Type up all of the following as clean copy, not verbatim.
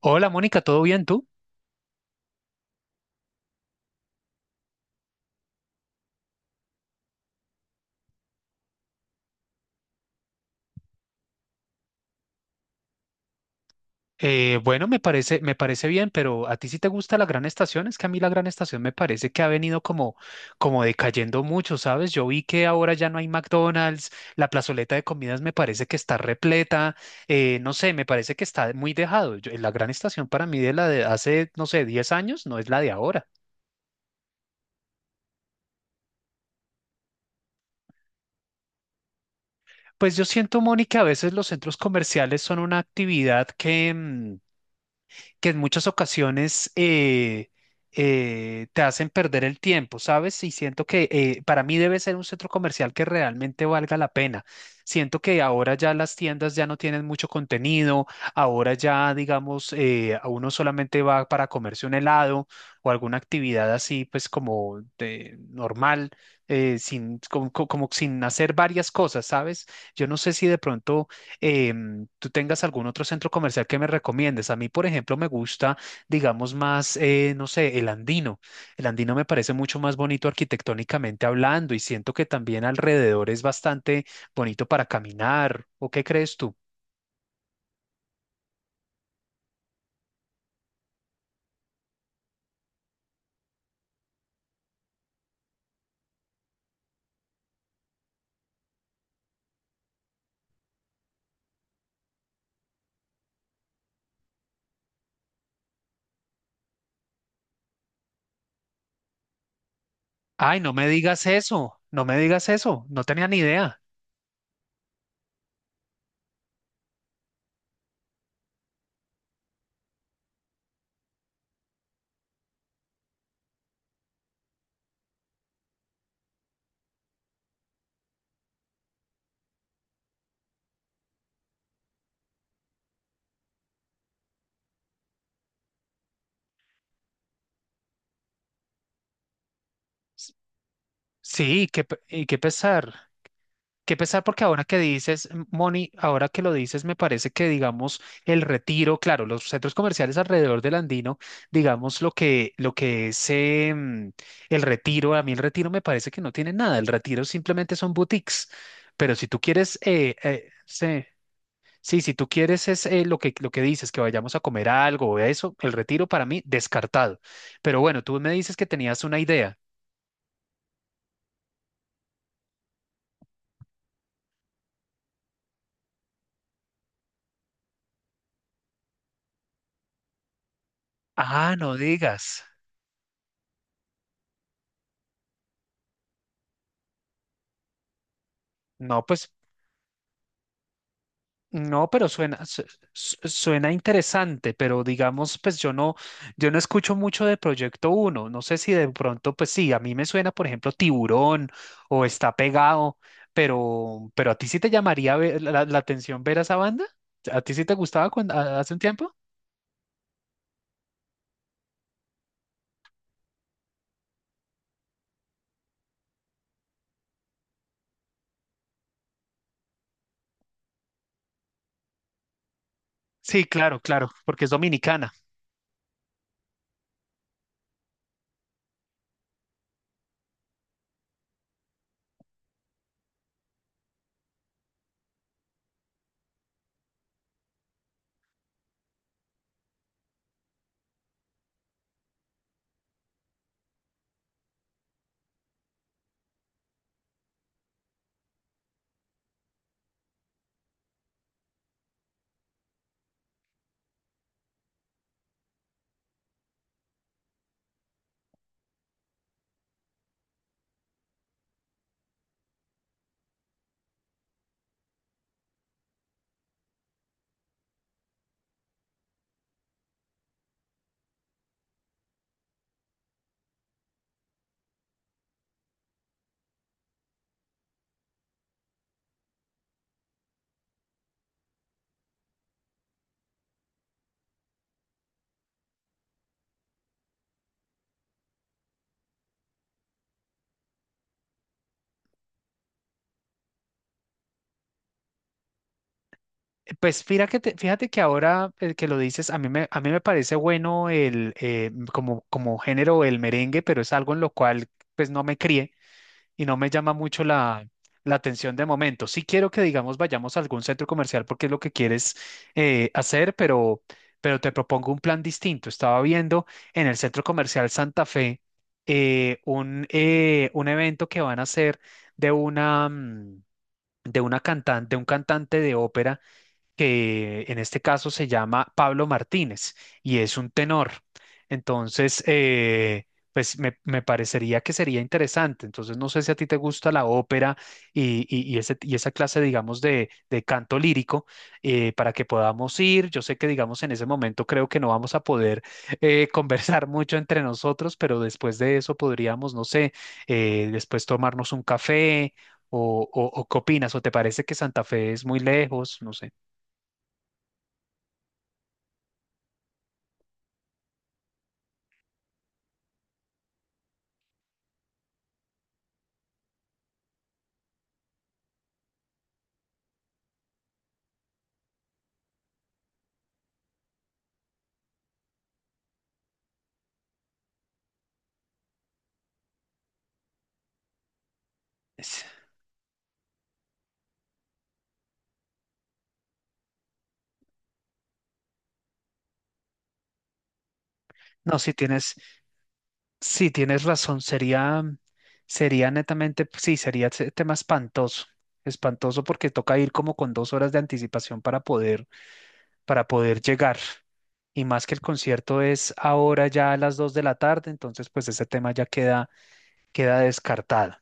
Hola Mónica, ¿todo bien tú? Bueno, me parece bien, pero ¿a ti sí te gusta la Gran Estación? Es que a mí la Gran Estación me parece que ha venido como, como decayendo mucho, ¿sabes? Yo vi que ahora ya no hay McDonald's, la plazoleta de comidas me parece que está repleta, no sé, me parece que está muy dejado. La Gran Estación para mí de la de hace, no sé, 10 años no es la de ahora. Pues yo siento, Mónica, a veces los centros comerciales son una actividad que, que en muchas ocasiones te hacen perder el tiempo, ¿sabes? Y siento que para mí debe ser un centro comercial que realmente valga la pena. Siento que ahora ya las tiendas ya no tienen mucho contenido, ahora ya, digamos, a uno solamente va para comerse un helado o alguna actividad así, pues como de, normal, sin, como, como sin hacer varias cosas, ¿sabes? Yo no sé si de pronto tú tengas algún otro centro comercial que me recomiendes. A mí, por ejemplo, me gusta, digamos, más, no sé, el Andino. El Andino me parece mucho más bonito arquitectónicamente hablando y siento que también alrededor es bastante bonito para caminar. ¿O qué crees tú? Ay, no me digas eso, no me digas eso, no tenía ni idea. S- Sí, y qué pesar. Qué pesar porque ahora que dices, Moni, ahora que lo dices, me parece que, digamos, el retiro, claro, los centros comerciales alrededor del Andino, digamos, lo que es el retiro, a mí el retiro me parece que no tiene nada, el retiro simplemente son boutiques, pero si tú quieres, sí, sí, si tú quieres es lo que dices, que vayamos a comer algo o eso, el retiro para mí, descartado. Pero bueno, tú me dices que tenías una idea. Ah, no digas. No, pues no, pero suena, suena interesante, pero digamos, pues yo no, yo no escucho mucho de Proyecto Uno. No sé si de pronto, pues sí, a mí me suena, por ejemplo, Tiburón o Está Pegado, pero a ti sí te llamaría la, la atención ver a esa banda. ¿A ti sí te gustaba cuando, hace un tiempo? Sí, claro, claro, porque es dominicana. Pues fíjate, fíjate que ahora que lo dices, a mí me parece bueno el, como, como género el merengue, pero es algo en lo cual pues no me crié, y no me llama mucho la, la atención de momento. Sí quiero que, digamos, vayamos a algún centro comercial porque es lo que quieres hacer, pero te propongo un plan distinto. Estaba viendo en el centro comercial Santa Fe un evento que van a hacer de una... mm, de una cantante, de un cantante de ópera que en este caso se llama Pablo Martínez y es un tenor. Entonces, pues me parecería que sería interesante. Entonces, no sé si a ti te gusta la ópera y, y ese- y esa clase, digamos, de canto lírico para que podamos ir. Yo sé que, digamos, en ese momento creo que no vamos a poder conversar mucho entre nosotros, pero después de eso podríamos, no sé, después tomarnos un café. ¿O qué opinas? ¿O te parece que Santa Fe es muy lejos? No sé. Es- No, si tienes, si tienes razón, sería, sería netamente, pues, sí, sería ese tema espantoso, espantoso porque toca ir como con 2 horas de anticipación para poder llegar. Y más que el concierto es ahora ya a las 2 de la tarde, entonces pues ese tema ya queda, queda descartado.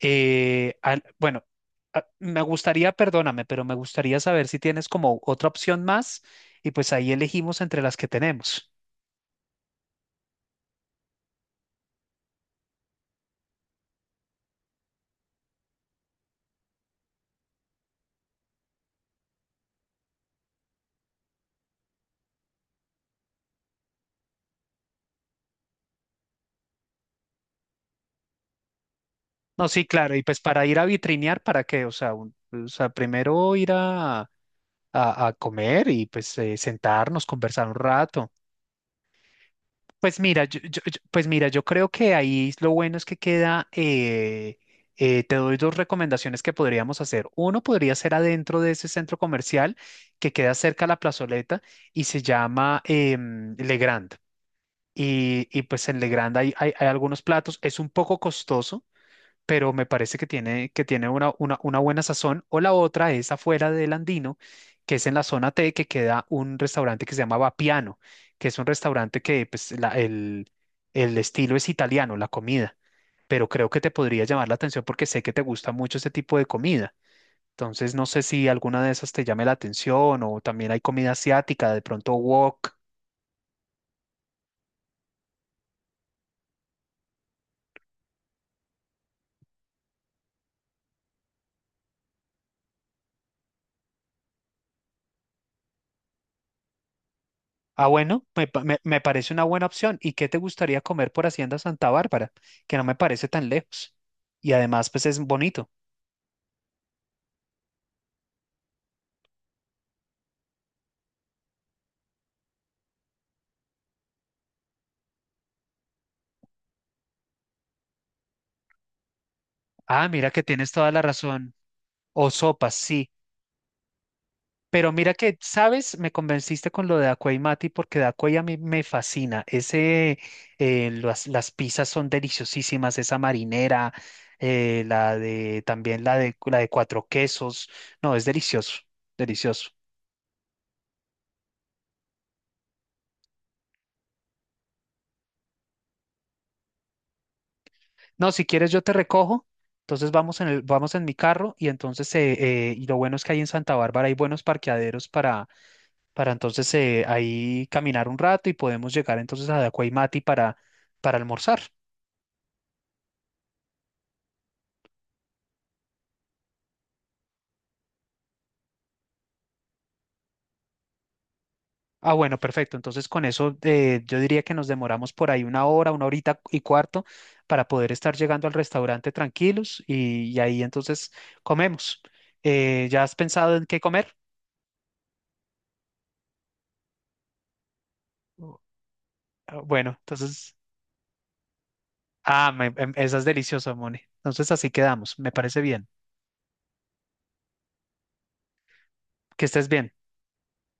Eh, al- bueno, me gustaría, perdóname, pero me gustaría saber si tienes como otra opción más y pues ahí elegimos entre las que tenemos. No, sí, claro, y pues para ir a vitrinear, ¿para qué? O sea, o sea, primero ir a, a comer y pues sentarnos, conversar un rato. Pues mira, pues mira, yo creo que ahí lo bueno es que queda, te doy dos recomendaciones que podríamos hacer. Uno podría ser adentro de ese centro comercial que queda cerca a la plazoleta y se llama Le Grand. Y pues en Le Grand hay, hay algunos platos, es un poco costoso, pero me parece que tiene una buena sazón. O la otra es afuera del Andino, que es en la zona T, que queda un restaurante que se llama Vapiano, que es un restaurante que pues, el estilo es italiano, la comida, pero creo que te podría llamar la atención porque sé que te gusta mucho ese tipo de comida. Entonces, no sé si alguna de esas te llame la atención o también hay comida asiática, de pronto wok. Ah, bueno, me parece una buena opción. ¿Y qué te gustaría comer por Hacienda Santa Bárbara? Que no me parece tan lejos. Y además, pues es bonito. Ah, mira que tienes toda la razón. O sopas, sí. Pero mira que, ¿sabes? Me convenciste con lo de Acuey Mati porque de Acuey a mí me fascina. Ese, las pizzas son deliciosísimas, esa marinera, la de, también la de cuatro quesos. No, es delicioso, delicioso. No, si quieres yo te recojo, entonces vamos en el, vamos en mi carro y entonces y lo bueno es que ahí en Santa Bárbara hay buenos parqueaderos para entonces ahí caminar un rato y podemos llegar entonces a Dacuaymati para almorzar. Ah, bueno, perfecto. Entonces con eso yo diría que nos demoramos por ahí una hora, una horita y cuarto para poder estar llegando al restaurante tranquilos y ahí entonces comemos. ¿Ya has pensado en qué comer? Bu- Bueno, entonces... Ah, esa es deliciosa, Moni. Entonces así quedamos. Me parece bien. Que estés bien.